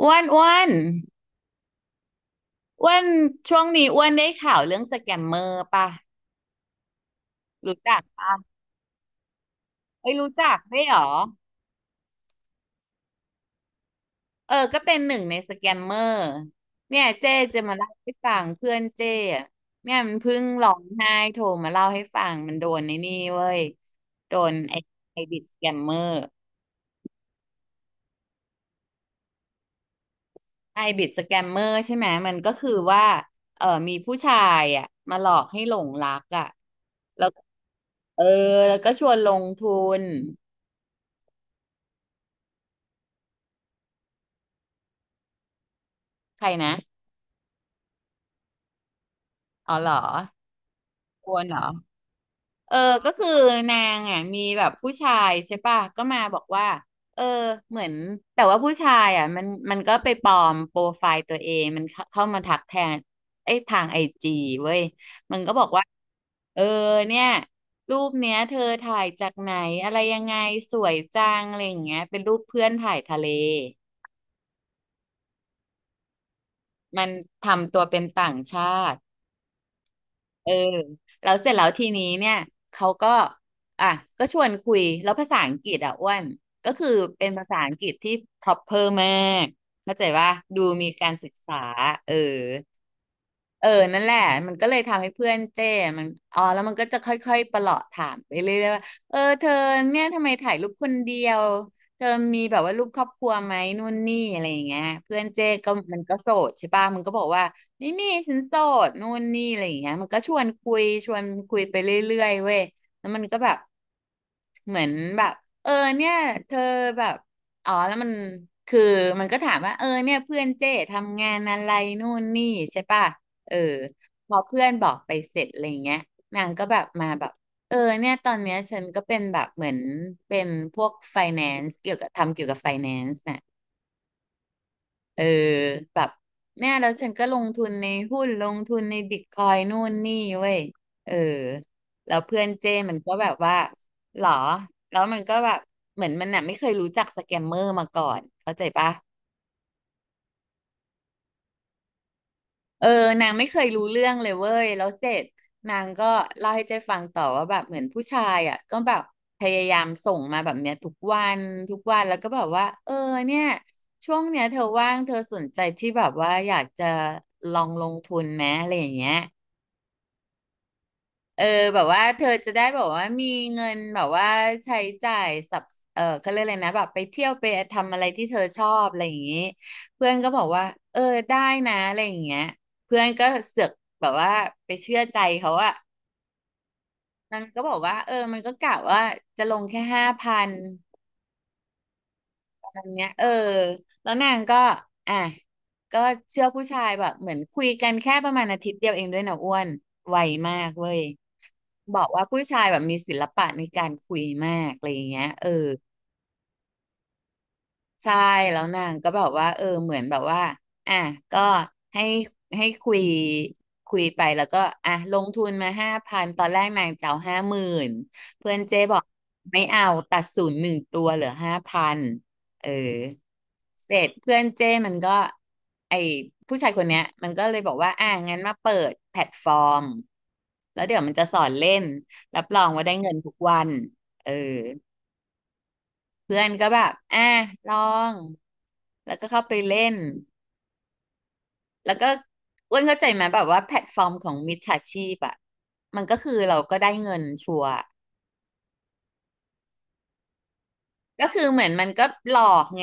อ้วนอ้วนอ้วนช่วงนี้อ้วนได้ข่าวเรื่องสแกมเมอร์ป่ะรู้จักป่ะเอ้ยรู้จักได้วยเหรอเออก็เป็นหนึ่งในสแกมเมอร์เนี่ยเจ้จะมาเล่าให้ฟังเพื่อนเจ้อะเนี่ยมันเพิ่งร้องไห้โทรมาเล่าให้ฟังมันโดนในนี่เว้ยโดนไอ้ไอบิดสแกมเมอร์ไอบิดสแกมเมอร์ใช่ไหมมันก็คือว่าเออมีผู้ชายอ่ะมาหลอกให้หลงรักอ่ะแล้วเออแล้วก็ชวนลงทุนใครนะ อ๋อเหรอควรเหรอเออก็คือนางอ่ะมีแบบผู้ชายใช่ป่ะก็มาบอกว่าเออเหมือนแต่ว่าผู้ชายอ่ะมันก็ไปปลอมโปรไฟล์ตัวเองมันเข้ามาทักแทนไอ้ยทางไอจีเว้ยมันก็บอกว่าเออเนี่ยรูปเนี้ยเธอถ่ายจากไหนอะไรยังไงสวยจังอะไรอย่างเงี้ยเป็นรูปเพื่อนถ่ายทะเลมันทำตัวเป็นต่างชาติ เออแล้วเสร็จแล้วทีนี้เนี่ยเขาก็อ่ะก็ชวนคุยแล้วภาษาอังกฤษอ่ะอ้วนก็คือเป็นภาษาอังกฤษที่ proper มากเข้าใจว่าดูมีการศึกษาเออ เออนั่นแหละมันก็เลยทำให้เพื่อนเจ้มันอ๋อแล้วมันก็จะค่อยๆประหลอดถามไปเรื่อยๆว่าเออเธอเนี่ยทำไมถ่ายรูปคนเดียวเธอมีแบบว่ารูปครอบครัวไหมนู่นนี่อะไรอย่างเงี้ยเพื่อนเจ้ก็มันก็โสดใช่ป่ะมันก็บอกว่าไม่มีฉันโสดนู่นนี่อะไรอย่างเงี้ยมันก็ชวนคุยชวนคุยไปเรื่อยๆเว้ยแล้วมันก็แบบเหมือนแบบเออเนี่ยเธอแบบอ๋อแล้วมันคือมันก็ถามว่าเออเนี่ยเพื่อนเจทำงานอะไรนู่นนี่ใช่ป่ะ เออพอเพื่อนบอกไปเสร็จอะไรเงี้ยนางก็แบบมาแบบเออเนี่ยตอนเนี้ยฉันก็เป็นแบบเหมือนเป็นพวกไฟแนนซ์เกี่ยวกับทำเกี่ยวกับไฟแนนซ์น่ะเออแบบเนี่ยแล้วฉันก็ลงทุนในหุ้นลงทุนในบิตคอยนู่นนี่เว้ยเออแล้วเพื่อนเจ้มันก็แบบว่าหรอแล้วมันก็แบบเหมือนมันน่ะไม่เคยรู้จักสแกมเมอร์มาก่อนเข้าใจปะ เออนางไม่เคยรู้เรื่องเลยเว้ยแล้วเสร็จนางก็เล่าให้เจ๊ฟังต่อว่าแบบเหมือนผู้ชายอ่ะก็แบบพยายามส่งมาแบบเนี้ยทุกวันทุกวันแล้วก็แบบว่าเออเนี่ยช่วงเนี้ยเธอว่างเธอสนใจที่แบบว่าอยากจะลองลงทุนไหมอะไรอย่างเงี้ย เออแบบว่าเธอจะได้แบบว่ามีเงินแบบว่าใช้จ่ายสับเออเขาเรียกอะไรนะแบบไปเที่ยวไปทำอะไรที่เธอชอบอะไรอย่างนี้เพื่อนก็บอกว่าเออได้นะอะไรอย่างเงี้ยเพื่อนก็เสือกแบบว่าไปเชื่อใจเขาอะมันก็บอกว่าเออมันก็กะว่าจะลงแค่ห้าพัน อันเนี้ยเออแล้วนางก็อ่ะก็เชื่อผู้ชายแบบเหมือนคุยกันแค่ประมาณอาทิตย์เดียวเองด้วยนะอ้วนไวมากเว้ยบอกว่าผู้ชายแบบมีศิลปะในการคุยมากอะไรอย่างเงี้ยเออ ใช่แล้วนางก็แบบว่าเออเหมือนแบบว่าอ่ะก็ให้ให้คุยไปแล้วก็อ่ะลงทุนมาห้าพันตอนแรกนางจะเอา50,000เพื่อนเจ๊บอกไม่เอาตัดศูนย์หนึ่งตัวเหลือห้าพันเออเสร็จเพื่อนเจ้มันก็ไอผู้ชายคนเนี้ยมันก็เลยบอกว่าอ่ะงั้นมาเปิดแพลตฟอร์มแล้วเดี๋ยวมันจะสอนเล่นรับรองว่าได้เงินทุกวันเออ เพื่อนก็แบบอ่ะลองแล้วก็เข้าไปเล่นแล้วก็อ้วนเข้าใจไหมแบบว่าแพลตฟอร์มของมิจฉาชีพอ่ะมันก็คือเราก็ได้เงินชัวร์ก็คือเหมือนมันก็หลอกไง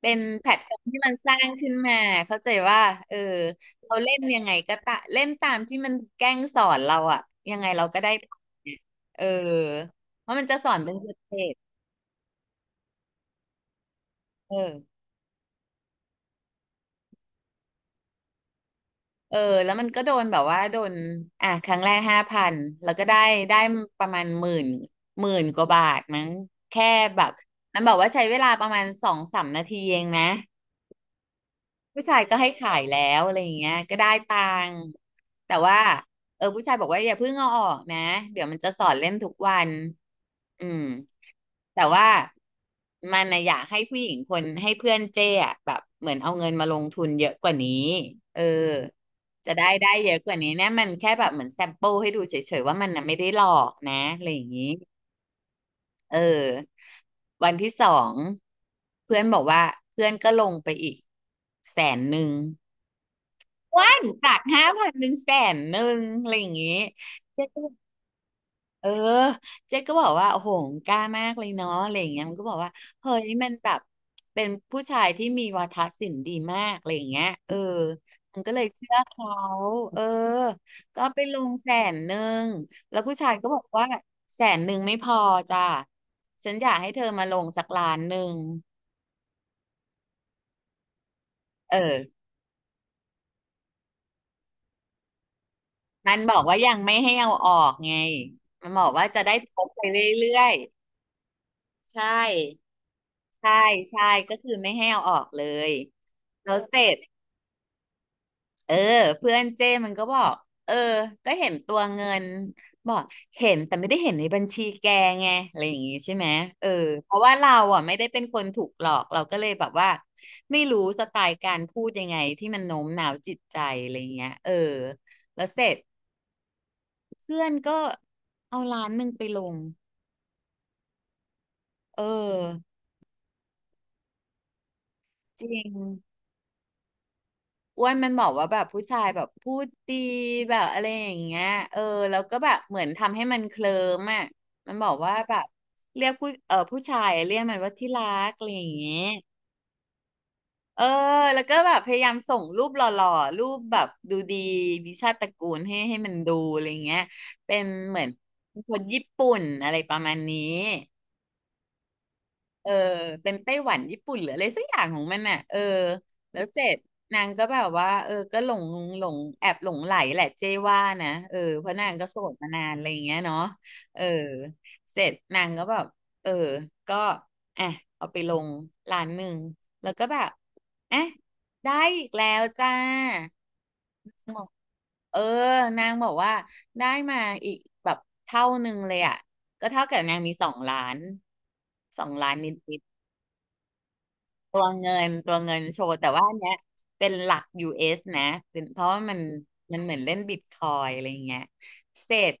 เป็นแพลตฟอร์มที่มันสร้างขึ้นมาเข้าใจว่าเออเราเล่นยังไงก็ตะเล่นตามที่มันแกล้งสอนเราอ่ะยังไงเราก็ได้ตังค์เนี่ยเออเพราะมันจะสอนเป็นสเต็ปเออ เออแล้วมันก็โดนแบบว่าโดนอ่ะครั้งแรกห้าพันแล้วก็ได้ประมาณหมื่นกว่าบาทมั้งแค่แบบมันบอกว่าใช้เวลาประมาณสองสามนาทีเองนะ ผู้ชายก็ให้ขายแล้วอะไรอย่างเงี้ยก็ได้ตังค์แต่ว่าผู้ชายบอกว่าอย่าเพิ่งเอาออกนะเดี๋ยวมันจะสอนเล่นทุกวันอืมแต่ว่ามันนะอยากให้ผู้หญิงคนให้เพื่อนเจ้อะแบบเหมือนเอาเงินมาลงทุนเยอะกว่านี้เออจะได้ได้เยอะกว่านี้เนี่ยมันแค่แบบเหมือนแซมเปิลให้ดูเฉยๆว่ามันน่ะไม่ได้หลอกนะอะไรอย่างนี้เออวันที่สองเพื่อนบอกว่าเพื่อนก็ลงไปอีกแสนหนึ่ง อ้วันจาก5,000เป็นแสนหนึ่งอะไรอย่างงี้เจ๊ก็บอกเออเจ๊ก็บอกว่าโอ้โหกล้ามากเลยเนาะอะไรอย่างเงี้ยมันก็บอกว่าเฮ้ยมันแบบเป็นผู้ชายที่มีวาทศิลป์ดีมากอะไรอย่างเงี้ยมันก็เลยเชื่อเขาเออก็ไปลงแสนหนึ่งแล้วผู้ชายก็บอกว่าแสนหนึ่งไม่พอจ้ะฉันอยากให้เธอมาลงสักล้านหนึ่งเออมันบอกว่ายังไม่ให้เอาออกไงมันบอกว่าจะได้ทบไปเรื่อย ใช่ใช่ใช่ก็คือไม่ให้เอาออกเลยแล้วเสร็จเออเพื่อนเจ้มันก็บอกเออก็เห็นตัวเงินบอกเห็นแต่ไม่ได้เห็นในบัญชีแกไงอะไรอย่างงี้ใช่ไหมเออเพราะว่าเราอ่ะไม่ได้เป็นคนถูกหลอกเราก็เลยแบบว่าไม่รู้สไตล์การพูดยังไงที่มันโน้มน้าวจิตใจอะไรเงี้ยแล้วเสร็จเพื่อนก็เอาล้านหนึ่งไปลงเออจริง อ้วนมันบอกว่าแบบผู้ชายแบบพูดดีแบบอะไรอย่างเงี้ยเออแล้วก็แบบเหมือนทำให้มันเคลิ้มอ่ะมันบอกว่าแบบเรียกผู้เออผู้ชายเรียกมันว่าที่รักอะไรอย่างเงี้ยเออแล้วก็แบบพยายามส่งรูปหล่อๆรูปแบบดูดีวิชาติตระกูลให้มันดูอะไรอย่างเงี้ยเป็นเหมือนคนญี่ปุ่นอะไรประมาณนี้ เออเป็นไต้หวันญี่ปุ่นหรืออะไรสักอย่างของมันอ่ะแล้วเสร็จนางก็แบบว่าก็หลงหลงแอบหลงไหลแหละเจ้ว่านะเพราะนางก็โสดมานานอะไรอย่างเงี้ยเนาะเออเสร็จนางก็แบบเออก็อ่ะเอาไปลงร้านหนึ่งแล้วก็แบบอ่ะ ได้อีกแล้วจ้าบอกเออนางบอกว่าได้มาอีกแบบเท่าหนึ่งเลยอ่ะก็เท่ากับนางมีสองล้านสองล้านนิดๆ ตัวเงินโชว์แต่ว่าอันเนี้ยเป็นหลัก US นะเป็นเพราะว่ามันเหมือนเล่นบิตคอยอะไรอย่างเงี้ยเสร็จ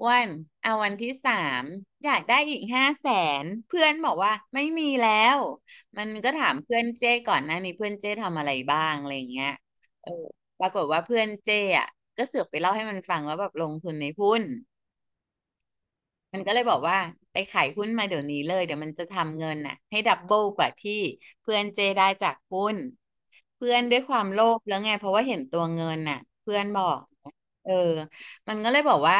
อ้วันเอาวันที่สามอยากได้อีกห้าแสนเพื่อนบอกว่าไม่มีแล้วมันก็ถามเพื่อนเจ้ก่อนหน้านี้เพื่อนเจ้ทำอะไรบ้างอะไรอย่างเงี้ยเออปรากฏว่าเพื่อนเจ้อะก็เสือกไปเล่าให้มันฟังว่าแบบลงทุนในหุ้น มันก็เลยบอกว่าไปขายหุ้นมาเดี๋ยวนี้เลยเดี๋ยวมันจะทำเงินน่ะให้ดับเบิลกว่าที่เพื่อนเจได้จากหุ้นเพื่อนด้วยความโลภแล้วไงเพราะว่าเห็นตัวเงินน่ะเพื่อนบอกเออมันก็เลยบอกว่า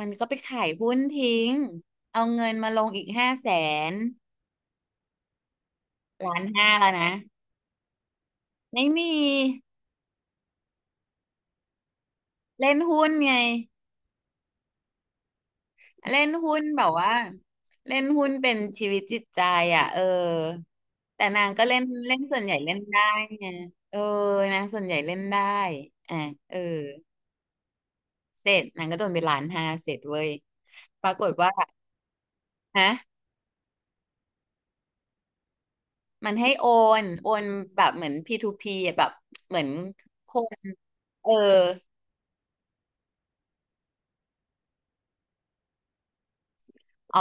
มันก็ไปขายหุ้นทิ้งเอาเงินมาลงอีกห้าแสนล้านห้าแล้วนะไม่มีเล่นหุ้นไง เล่นหุ้นแบบว่าเล่นหุ้นเป็นชีวิตจิตใจอ่ะแต่นางก็เล่นเล่นส่วนใหญ่เล่นได้ไงเออนางส่วนใหญ่เล่นได้อ่ะเออเสร็จนางก็โดนไปล้านห้าเสร็จเว้ยปรากฏว่าฮะมันให้โอนโอนแบบเหมือน P2P อะแบบเหมือนคนเออ อ๋อ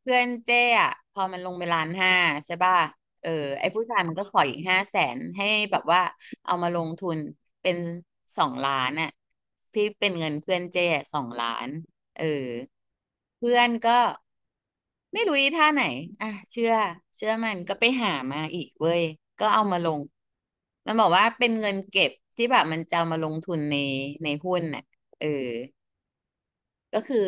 เพื่อนเจ้อะพอมันลงไปล้านห้าใช่ป่ะเออไอ้ผู้ชายมันก็ขออีกห้าแสนให้แบบว่าเอามาลงทุนเป็นสองล้านอะที่เป็นเงินเพื่อนเจ้สองล้านเออเพื่อนก็ไม่รู้อีท่าไหนอ่ะเชื่อเชื่อมันก็ไปหามาอีกเว้ยก็เอามาลงมันบอกว่าเป็นเงินเก็บที่แบบมันจะเอามาลงทุนในหุ้นน่ะเออ ก็คือ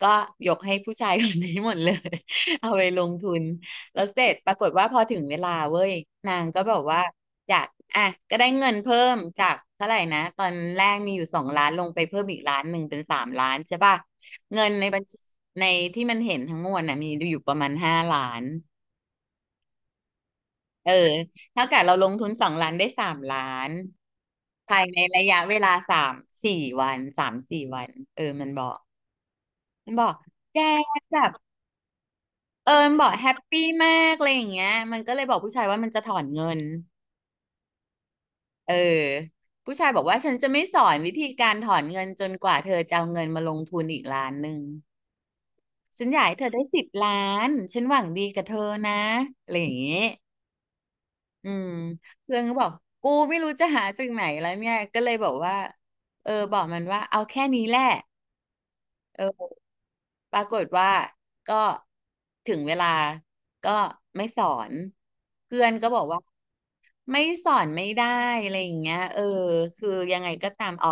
ก็ยกให้ผู้ชายคนนี้หมดเลย เอาไปลงทุนแล้วเสร็จปรากฏว่าพอถึงเวลาเว้ยนางก็แบบว่าอยากอ่ะก็ได้เงินเพิ่มจากเท่าไหร่นะตอนแรกมีอยู่สองล้านลงไปเพิ่มอีกล้านหนึ่งเป็นสามล้านใช่ป่ะเงินในบัญชีในที่มันเห็นทั้งมวลน่ะมีอยู่ประมาณ5,000,000เออเท่ากับเราลงทุนสองล้านได้สามล้านภายในระยะเวลาสามสี่วันสามสี่วันมันบอกมันบอกแกแบบ เอิญบอกแฮปปี้มากอะไรอย่างเงี้ยมันก็เลยบอกผู้ชายว่ามันจะถอนเงินเออผู้ชายบอกว่าฉันจะไม่สอนวิธีการถอนเงินจนกว่าเธอจะเอาเงินมาลงทุนอีกล้านหนึ่งฉันอยากให้เธอได้10 ล้านฉันหวังดีกับเธอนะอะไรอย่างงี้อืมเพื่อนก็บอกกูไม่รู้จะหาจากไหนแล้วเนี่ยก็เลยบอกว่าเออบอกมันว่าเอาแค่นี้แหละเออปรากฏว่าก็ถึงเวลาก็ไม่สอนเพื่อนก็บอกว่า ไม่สอนไม่ได้อะไรอย่างเงี้ยเออคือยังไงก็ตามอ๋อ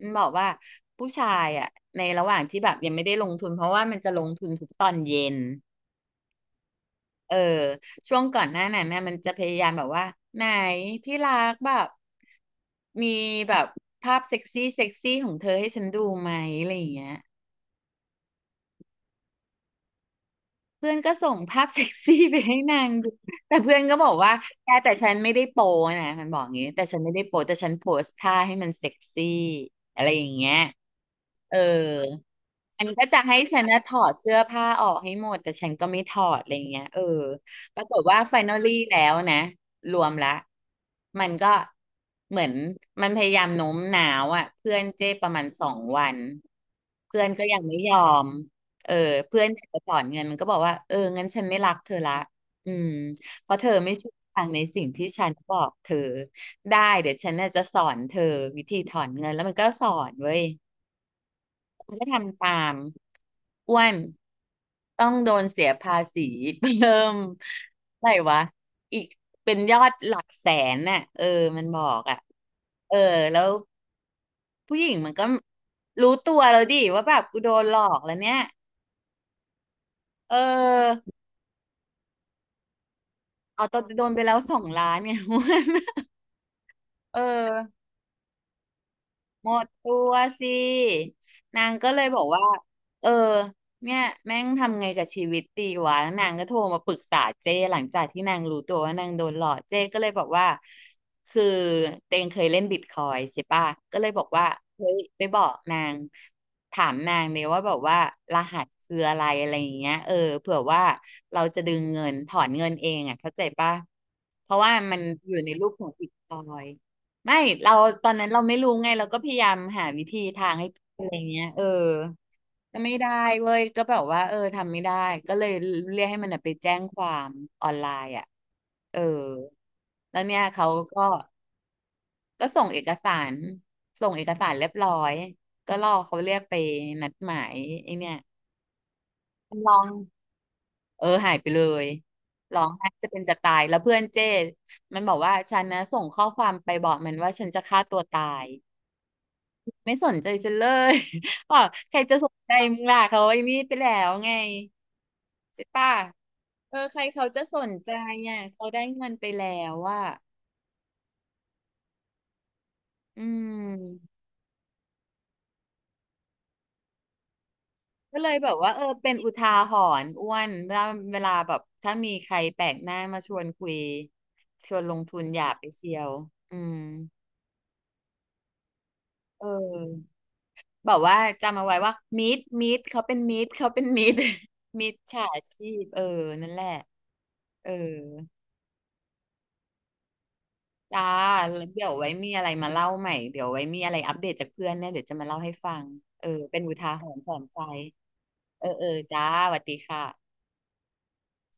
มันบอกว่าผู้ชายอ่ะในระหว่างที่แบบยังไม่ได้ลงทุนเพราะว่ามันจะลงทุนทุกตอนเย็นเออช่วงก่อนหน้านั้นนะมันจะพยายามแบบว่าไหนที่รักแบบมีแบบภาพเซ็กซี่เซ็กซี่ของเธอให้ฉันดูไหมอะไรอย่างเงี้ย เพื่อนก็ส่งภาพเซ็กซี่ไปให้นางดูแต่เพื่อนก็บอกว่าแกแต่ฉันไม่ได้โปนะมันบอกอย่างงี้แต่ฉันไม่ได้โปแต่ฉันโพสท่าให้มันเซ็กซี่อะไรอย่างเงี้ยเออฉันก็จะให้ฉันนะถอดเสื้อผ้าออกให้หมดแต่ฉันก็ไม่ถอดอะไรเงี้ยเออปรากฏว่าไฟ i n ลลี่แล้วนะรวมละมันก็เหมือนมันพยายามโน้มน้าวอ่ะเพื่อนเจ้ประมาณ2 วันเพื่อนก็ยังไม่ยอม เออเพื่อนอยากจะถอนเงินมันก็บอกว่าเอองั้นฉันไม่รักเธอละอืมเพราะเธอไม่เชื่อฟังในสิ่งที่ฉันบอกเธอได้เดี๋ยวฉันน่ะจะสอนเธอวิธีถอนเงินแล้วมันก็สอนเว้ยมันก็ทำตามอ้วนต้องโดนเสียภาษีเพิ่มอะไหรวะอีกเป็นยอดหลักแสนน่ะเออมันบอกอ่ะเออแล้วผู้หญิงมันก็รู้ตัวแล้วดิว่าแบบกูโดนหลอกแล้วเนี่ยเออ เอาตอนโดนไปแล้ว2 ล้านไง นเออ หมดตัวสินางก็เลยบอกว่าเออเนี่ยแม่งทำไงกับชีวิตดีวะแล้วนางก็โทรมาปรึกษาเจ้หลังจากที่นางรู้ตัวว่านางโดนหลอกเจ้ก็เลยบอกว่าคือเตงเคยเล่นบิตคอยใช่ปะก็เลยบอกว่าเฮ้ยไปบอกนางถามนางเนี่ยว่าแบบว่ารหัสคืออะไรอะไรอย่างเงี้ยเออเผื่อว่าเราจะดึงเงินถอนเงินเองอ่ะเข้าใจปะเพราะว่ามันอยู่ในรูปของบิตคอย ไม่เราตอนนั้นเราไม่รู้ไงเราก็พยายามหาวิธีทางให้เพื่อนอะไรเงี้ยเออก็ไม่ได้เว้ยก็แบบว่าเออทำไม่ได้ก็เลยเรียกให้มันน่ะไปแจ้งความออนไลน์อ่ะเออแล้วเนี่ยเขาก็ก็ส่งเอกสารเรียบร้อยก็รอเขาเรียกไปนัดหมายไอ้เนี่ยร้องเออหายไปเลยร้องไห้จะเป็นจะตายแล้วเพื่อนเจ้มันบอกว่าฉันนะส่งข้อความไปบอกมันว่าฉันจะฆ่าตัวตาย ไม่สนใจฉันเลย บอกใครจะสนใจมึงล่ะเขาไอ้นี่ไปแล้วไงใช่ป่ะเออใครเขาจะสนใจอ่ะเขาได้เงินไปแล้วอ่ะอืมก็เลยแบบว่าเออเป็นอุทาหรณ์อ้วนเวลาแบบถ้ามีใครแปลกหน้ามาชวนคุยชวนลงทุนอย่าไปเชียว อืมเออแบบว่าจำเอาไว้ว่ามิดเขาเป็นมิดเขาเป็นมิด ฉาชีพเออนั่นแหละเออ จ้าแล้วเดี๋ยวไว้มีอะไรมาเล่าใหม่ เดี๋ยวไว้มีอะไรอัปเดตจากเพื่อนเนี่ยเดี๋ยวจะมาเล่าให้ฟัง เออ เป็นอุทาหรณ์สอนใจ เออ เออ จ้าสวัสดีค่ะ